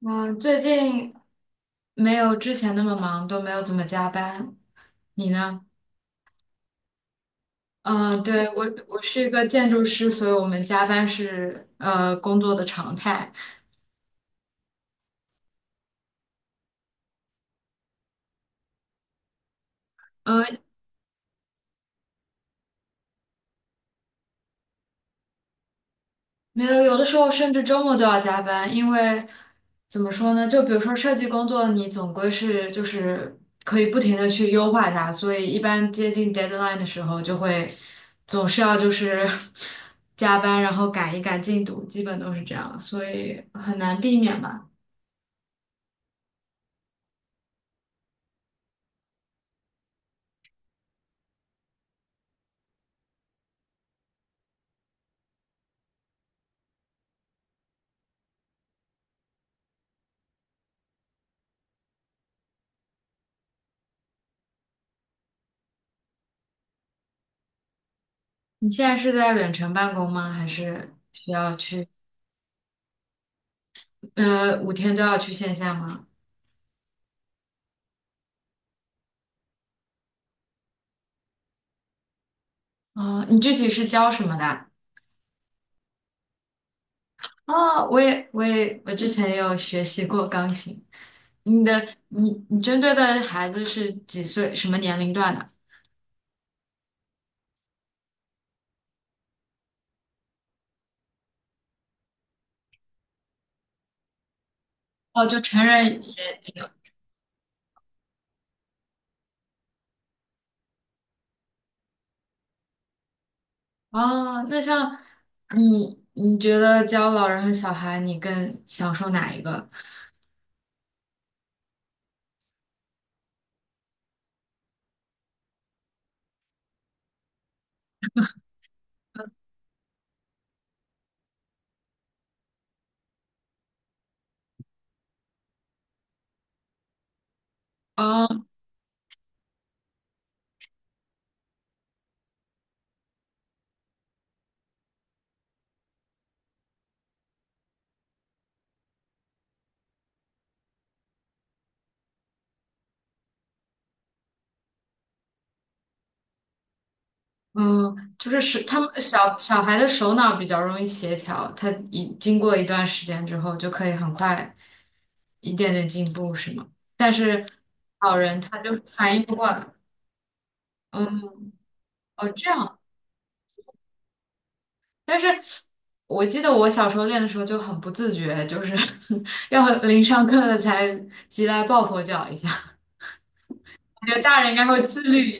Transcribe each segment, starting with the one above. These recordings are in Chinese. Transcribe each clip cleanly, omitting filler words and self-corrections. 嗯，最近没有之前那么忙，都没有怎么加班。你呢？嗯，对，我是一个建筑师，所以我们加班是工作的常态。呃，没有，有的时候甚至周末都要加班，因为怎么说呢？就比如说设计工作，你总归是就是可以不停的去优化它，所以一般接近 deadline 的时候，就会总是要就是 加班，然后赶一赶进度，基本都是这样，所以很难避免吧。你现在是在远程办公吗？还是需要去，五天都要去线下吗？哦，你具体是教什么的？哦，我之前也有学习过钢琴。你针对的孩子是几岁，什么年龄段的？哦，就成人也有。哦，那像你觉得教老人和小孩，你更享受哪一个？哦，嗯，就是他们小小孩的手脑比较容易协调，他一经过一段时间之后，就可以很快一点点进步，是吗？但是老人他就反应不过来。嗯，哦，这样。但是我记得我小时候练的时候就很不自觉，就是 要临上课了才急来抱佛脚一下。我觉得大人应该会自律。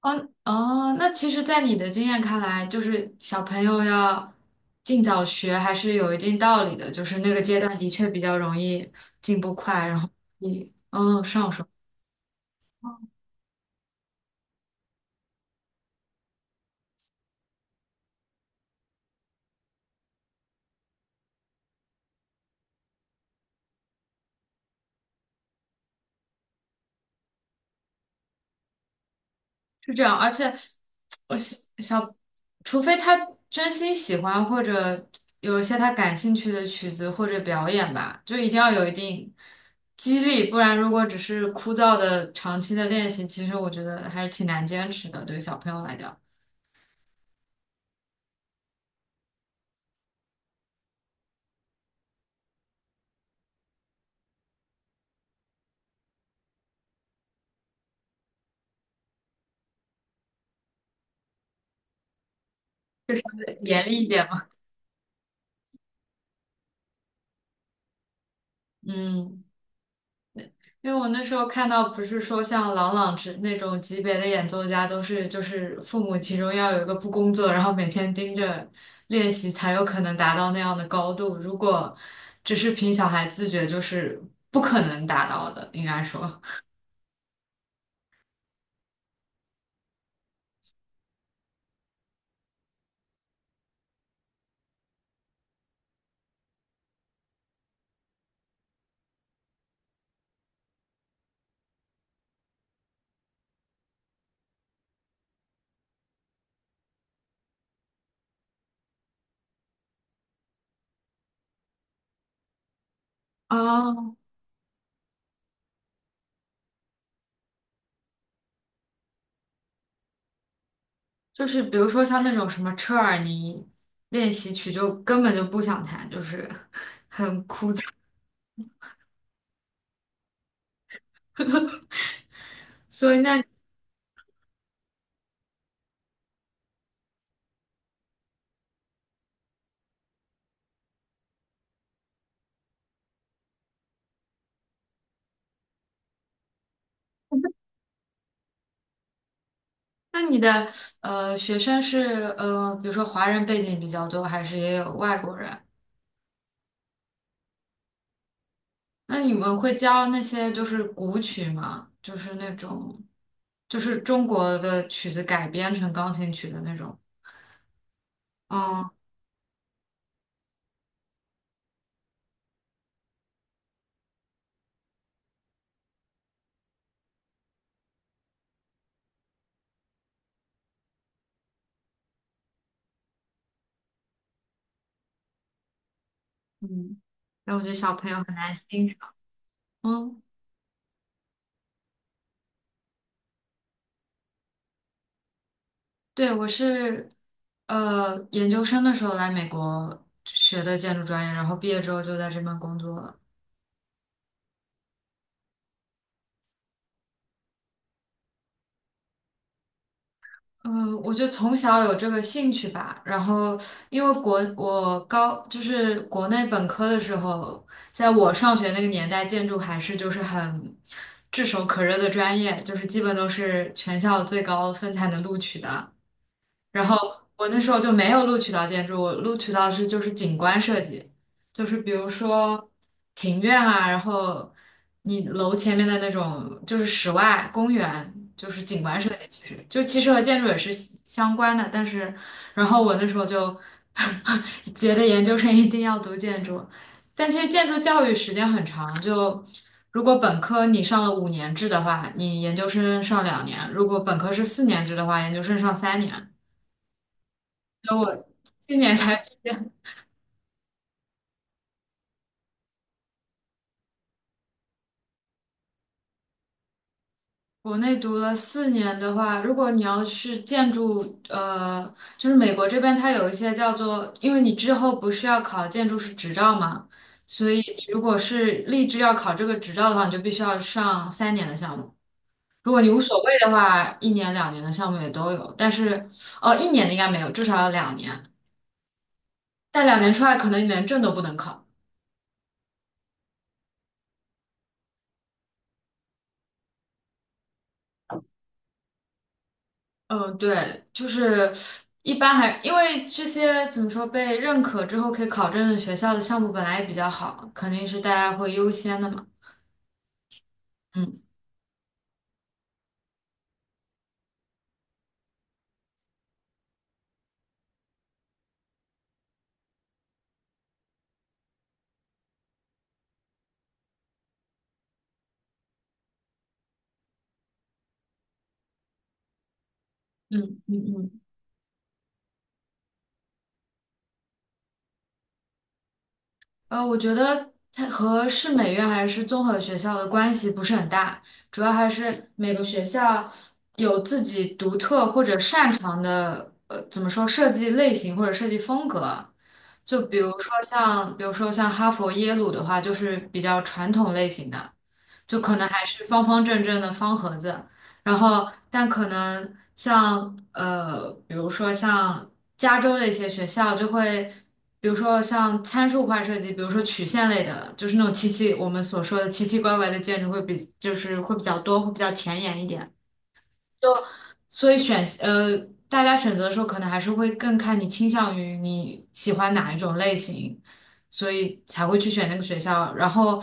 哦哦，那其实，在你的经验看来，就是小朋友要尽早学还是有一定道理的，就是那个阶段的确比较容易进步快，然后你上手是这样，而且我小小，除非他真心喜欢或者有一些他感兴趣的曲子或者表演吧，就一定要有一定激励，不然如果只是枯燥的长期的练习，其实我觉得还是挺难坚持的，对于小朋友来讲，严厉一点嘛。嗯。因为我那时候看到，不是说像郎朗之那种级别的演奏家，都是就是父母其中要有一个不工作，然后每天盯着练习，才有可能达到那样的高度。如果只是凭小孩自觉，就是不可能达到的，应该说。哦，就是比如说像那种什么车尔尼练习曲，就根本就不想弹，就是。所以那那你的呃学生是比如说华人背景比较多，还是也有外国人？那你们会教那些就是古曲吗？就是那种，就是中国的曲子改编成钢琴曲的那种。嗯嗯，但我觉得小朋友很难欣赏。嗯，对，我是研究生的时候来美国学的建筑专业，然后毕业之后就在这边工作了。嗯，我就从小有这个兴趣吧，然后因为国我高就是国内本科的时候，在我上学那个年代，建筑还是就是很炙手可热的专业，就是基本都是全校最高分才能录取的。然后我那时候就没有录取到建筑，我录取到的是就是景观设计，就是比如说庭院啊，然后你楼前面的那种就是室外公园，就是景观设计，其实和建筑也是相关的，然后我那时候就 觉得研究生一定要读建筑，但其实建筑教育时间很长，就。如果本科你上了5年制的话，你研究生上两年；如果本科是4年制的话，研究生上三年。今年才毕业。国内读了四年的话，如果你要是建筑，呃，就是美国这边它有一些叫做，因为你之后不是要考建筑师执照嘛，所以你如果是立志要考这个执照的话，你就必须要上三年的项目。如果你无所谓的话，1年、2年的项目也都有，但是，哦，一年的应该没有，至少要两年。但两年出来，可能你连证都不能考。嗯，对，就是一般还因为这些怎么说被认可之后可以考证的学校的项目本来也比较好，肯定是大家会优先的嘛。嗯嗯嗯嗯。我觉得它和市美院还是综合学校的关系不是很大，主要还是每个学校有自己独特或者擅长的，怎么说设计类型或者设计风格。就比如说像哈佛、耶鲁的话，就是比较传统类型的，就可能还是方方正正的方盒子。然后，但可能像比如说像加州的一些学校就会。比如说像参数化设计，比如说曲线类的，就是那种我们所说的奇奇怪怪的建筑会比较多，会比较前沿一点。所以大家选择的时候可能还是会更看你倾向于你喜欢哪一种类型，所以才会去选那个学校。然后，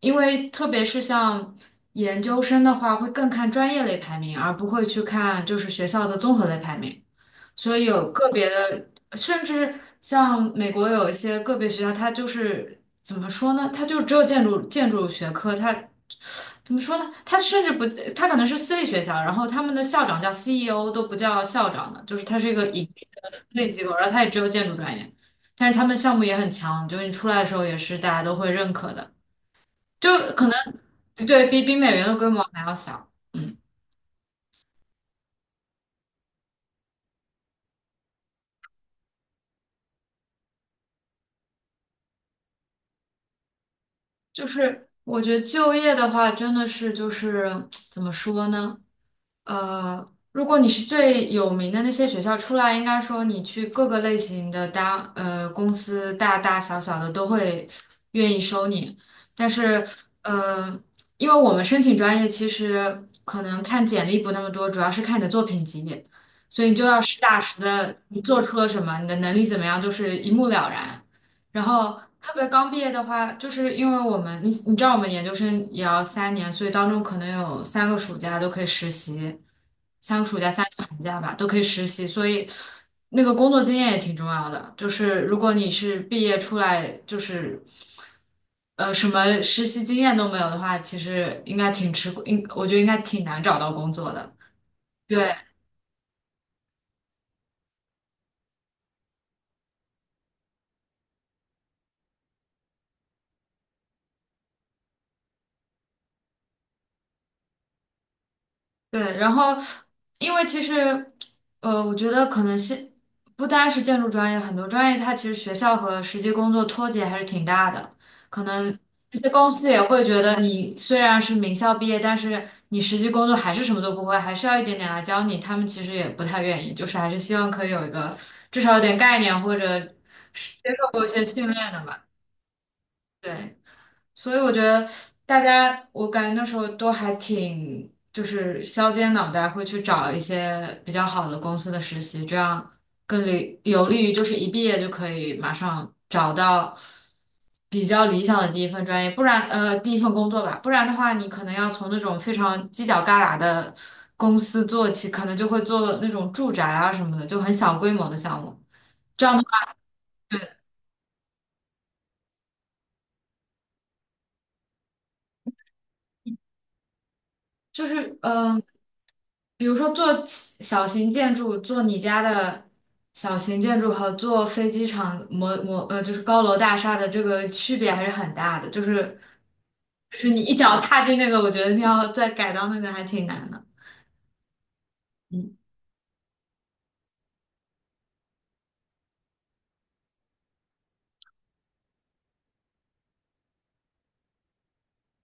因为特别是像研究生的话，会更看专业类排名，而不会去看就是学校的综合类排名。所以有个别的，甚至像美国有一些个别学校，它就是怎么说呢？它就只有建筑学科，它怎么说呢？它甚至不，它可能是私立学校，然后他们的校长叫 CEO 都不叫校长的，就是它是一个盈利的私立机构，然后它也只有建筑专业，但是他们项目也很强，就是你出来的时候也是大家都会认可的，就可能对比美元的规模还要小。嗯。就是我觉得就业的话，真的是就是怎么说呢？呃，如果你是最有名的那些学校出来，应该说你去各个类型的大公司，大大小小的都会愿意收你。但是，呃，因为我们申请专业其实可能看简历不那么多，主要是看你的作品集，所以你就要实打实的你做出了什么，你的能力怎么样，就是一目了然。然后特别刚毕业的话，就是因为我们，你知道我们研究生也要三年，所以当中可能有三个暑假都可以实习，3个暑假、3个寒假吧，都可以实习，所以那个工作经验也挺重要的。就是如果你是毕业出来，就是什么实习经验都没有的话，其实应该挺吃，应我觉得应该挺难找到工作的。对，对，然后因为其实，我觉得可能是不单是建筑专业，很多专业它其实学校和实际工作脱节还是挺大的。可能一些公司也会觉得你虽然是名校毕业，但是你实际工作还是什么都不会，还是要一点点来教你。他们其实也不太愿意，就是还是希望可以有一个至少有点概念或者是接受过一些训练的吧。对，所以我觉得大家，我感觉那时候都还挺就是削尖脑袋会去找一些比较好的公司的实习，这样有利于就是一毕业就可以马上找到比较理想的第一份专业，不然第一份工作吧，不然的话你可能要从那种非常犄角旮旯的公司做起，可能就会做那种住宅啊什么的，就很小规模的项目。这样的话就是比如说做小型建筑，做你家的小型建筑和做飞机场模模呃，就是高楼大厦的这个区别还是很大的。就是你一脚踏进那个，我觉得你要再改到那边还挺难的。嗯，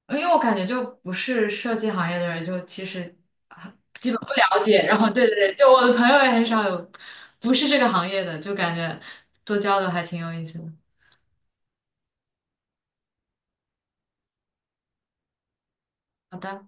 因为我感觉就不是设计行业的人，就其实啊基本不了解。然后对对对，就我的朋友也很少有不是这个行业的，就感觉多交流还挺有意思的。好的。